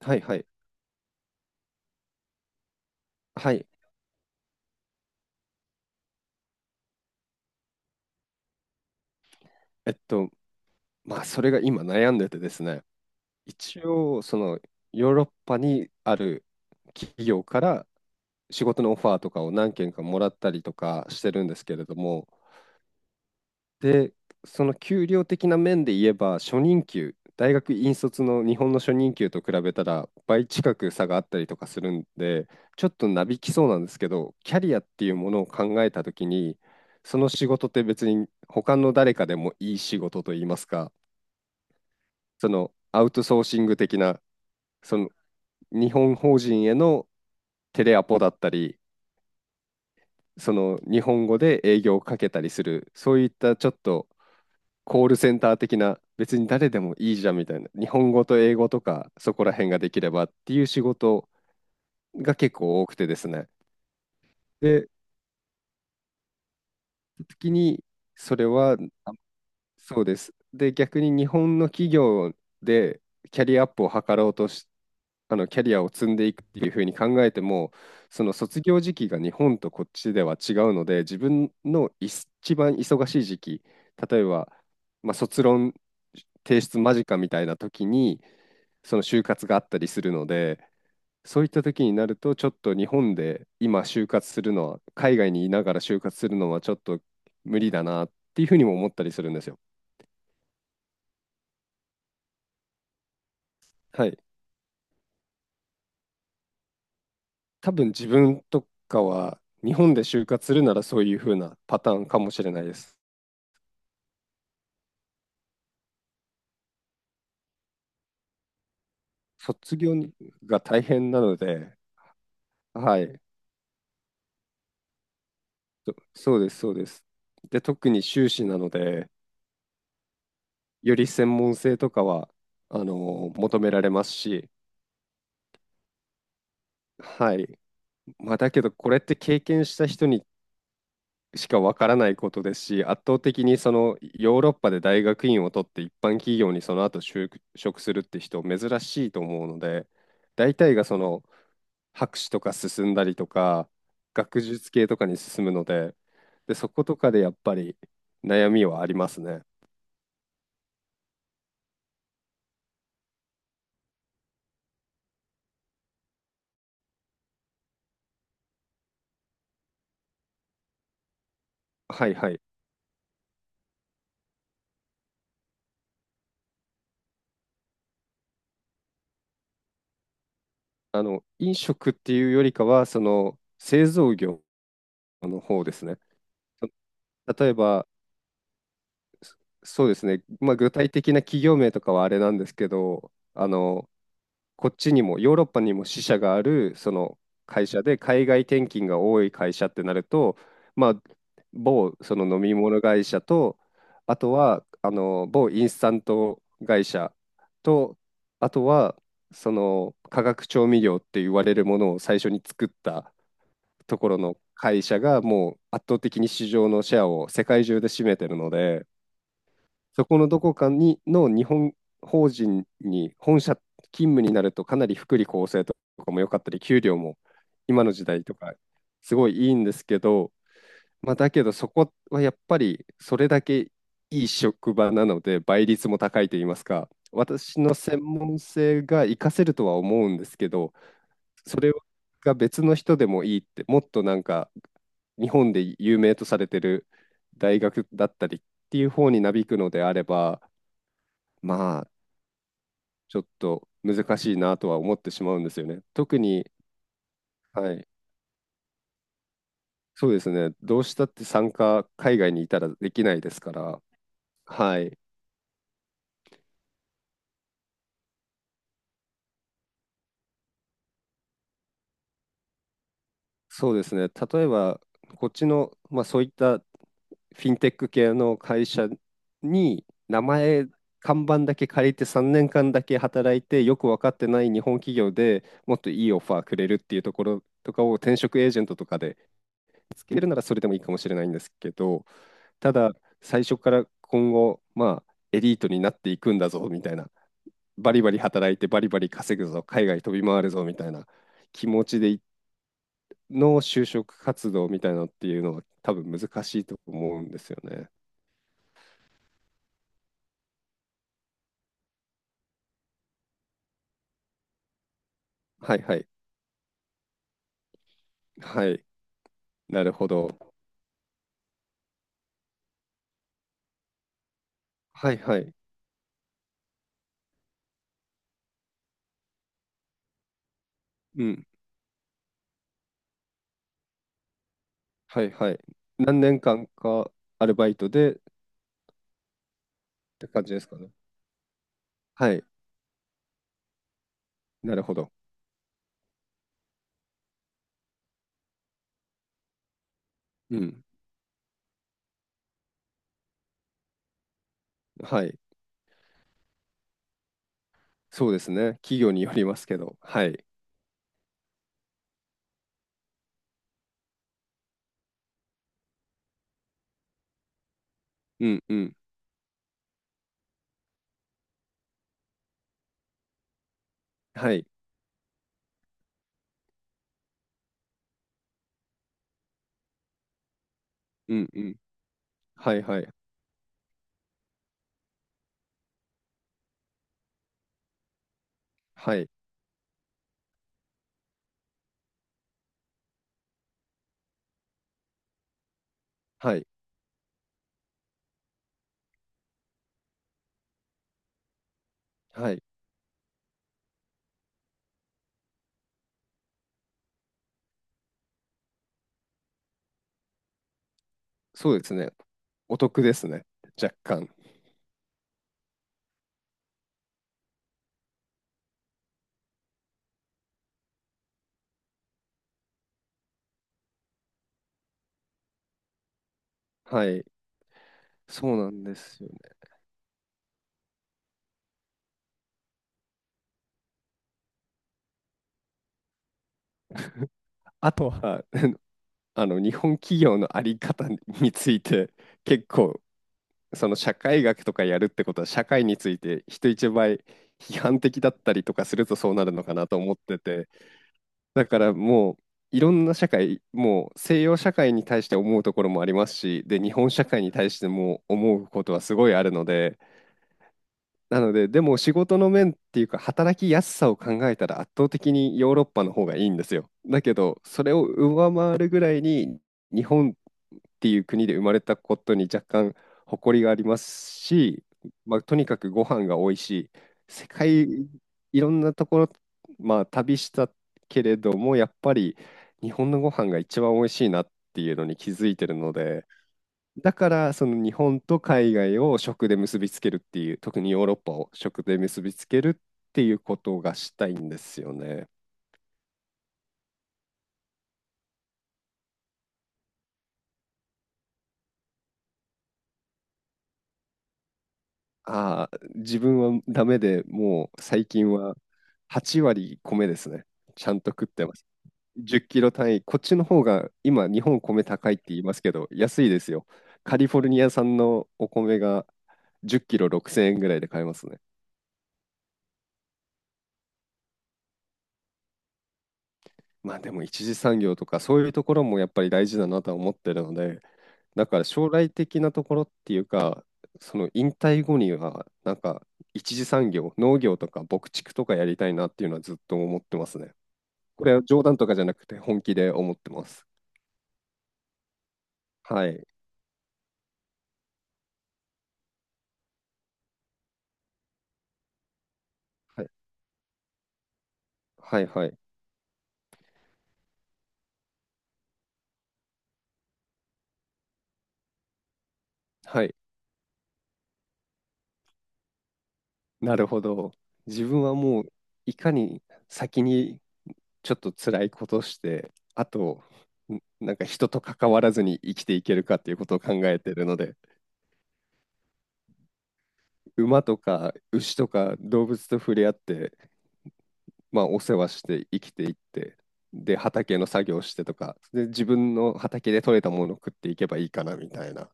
はいはい。はい。えっと、まあ、それが今悩んでてですね、一応、ヨーロッパにある企業から仕事のオファーとかを何件かもらったりとかしてるんですけれども、で、その給料的な面で言えば、初任給、大学院卒の日本の初任給と比べたら倍近く差があったりとかするんで、ちょっとなびきそうなんですけど、キャリアっていうものを考えたときに、その仕事って別に他の誰かでもいい仕事といいますか、そのアウトソーシング的な、その日本法人へのテレアポだったり、その日本語で営業をかけたりする、そういったちょっとコールセンター的な、別に誰でもいいじゃんみたいな、日本語と英語とか、そこら辺ができればっていう仕事が結構多くてですね。で、時に、それはあそうです。で、逆に日本の企業でキャリアアップを図ろうとし、キャリアを積んでいくっていうふうに考えても、その卒業時期が日本とこっちでは違うので、自分の一番忙しい時期、例えば、まあ、卒論提出間近みたいな時に、その就活があったりするので、そういった時になると、ちょっと日本で今就活するのは、海外にいながら就活するのはちょっと無理だなっていうふうにも思ったりするんですよ。はい。多分自分とかは日本で就活するならそういう風なパターンかもしれないです。卒業が大変なので、はい。そうです、そうです。で、特に修士なので、より専門性とかは、あの、求められますし、はい。まあ、だけど、これって経験した人にしかわからないことですし、圧倒的にそのヨーロッパで大学院を取って一般企業にその後就職するって人珍しいと思うので、大体がその博士とか進んだりとか、学術系とかに進むので、で、そことかでやっぱり悩みはありますね。はいはい。飲食っていうよりかは、その製造業の方ですね。例えば、そうですね、まあ、具体的な企業名とかはあれなんですけど、こっちにも、ヨーロッパにも支社がある、その会社で、海外転勤が多い会社ってなると、まあ、某その飲み物会社と、あとは、某インスタント会社と、あとは、その化学調味料って言われるものを最初に作ったところの会社がもう圧倒的に市場のシェアを世界中で占めてるので、そこのどこかにの日本法人に本社勤務になるとかなり福利厚生とかも良かったり給料も今の時代とかすごいいいんですけど、まあ、だけどそこはやっぱりそれだけいい職場なので倍率も高いと言いますか、私の専門性が活かせるとは思うんですけど、それが別の人でもいいって、もっとなんか日本で有名とされてる大学だったりっていう方になびくのであれば、まあ、ちょっと難しいなとは思ってしまうんですよね。特に、はい、そうですね、どうしたって参加、海外にいたらできないですから、はい、そうですね、例えば、こっちの、まあ、そういったフィンテック系の会社に、名前、看板だけ借りて3年間だけ働いて、よく分かってない日本企業でもっといいオファーくれるっていうところとかを転職エージェントとかで見つけるならそれでもいいかもしれないんですけど、ただ最初から今後、まあ、エリートになっていくんだぞみたいな、バリバリ働いてバリバリ稼ぐぞ、海外飛び回るぞみたいな気持ちでいの就職活動みたいなのっていうのは多分難しいと思うんですよね。はいはい。はい。なるほど。はいはい。うん。はいはい。何年間かアルバイトでって感じですかね。はい。なるほど。うん。はい。そうですね。企業によりますけど。はい。うんうん。はい。うんうん。はいはい。はい。はい。はい。そうですね。お得ですね。若干。はい。そうなんですよね。あとは、日本企業のあり方について、結構、その社会学とかやるってことは、社会について人一倍批判的だったりとかするとそうなるのかなと思ってて、だからもう、いろんな社会、もう西洋社会に対して思うところもありますし、で、日本社会に対しても思うことはすごいあるので、なので、でも仕事の面っていうか、働きやすさを考えたら圧倒的にヨーロッパの方がいいんですよ。だけど、それを上回るぐらいに、日本っていう国で生まれたことに若干誇りがありますし、まあ、とにかくご飯が美味しい。世界いろんなところ、まあ、旅したけれども、やっぱり日本のご飯が一番美味しいなっていうのに気づいてるので、だからその日本と海外を食で結びつけるっていう、特にヨーロッパを食で結びつけるっていうことがしたいんですよね。ああ、自分はダメで、もう最近は8割米ですね。ちゃんと食ってます。10キロ単位、こっちの方が今日本米高いって言いますけど安いですよ。カリフォルニア産のお米が10キロ6000円ぐらいで買えますね。まあでも一次産業とかそういうところもやっぱり大事だなとは思ってるので、だから将来的なところっていうか、その引退後にはなんか一次産業、農業とか牧畜とかやりたいなっていうのはずっと思ってますね。これは冗談とかじゃなくて本気で思ってます。はい。はい。はいはい。はい。なるほど。自分はもういかに先にちょっと辛いことをして、あと、なんか人と関わらずに生きていけるかっていうことを考えてるので、馬とか牛とか動物と触れ合って、まあ、お世話して生きていって、で、畑の作業してとか、で、自分の畑で採れたものを食っていけばいいかなみたいな、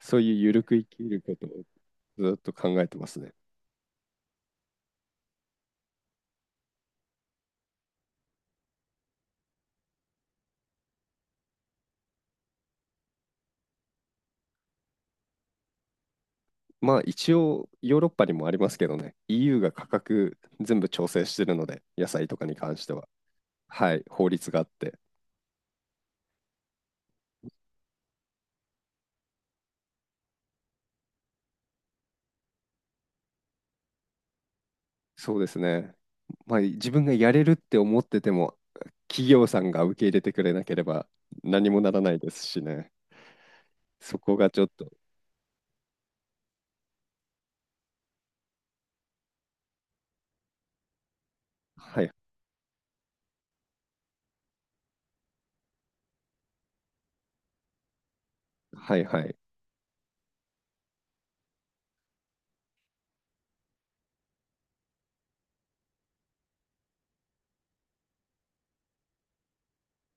そういうゆるく生きることをずっと考えてますね。まあ一応ヨーロッパにもありますけどね、EU が価格全部調整してるので、野菜とかに関しては。はい、法律があって。そうですね。まあ、自分がやれるって思ってても、企業さんが受け入れてくれなければ何もならないですしね。そこがちょっと、はい、はい、はい。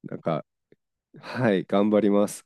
なんか、はい、頑張ります。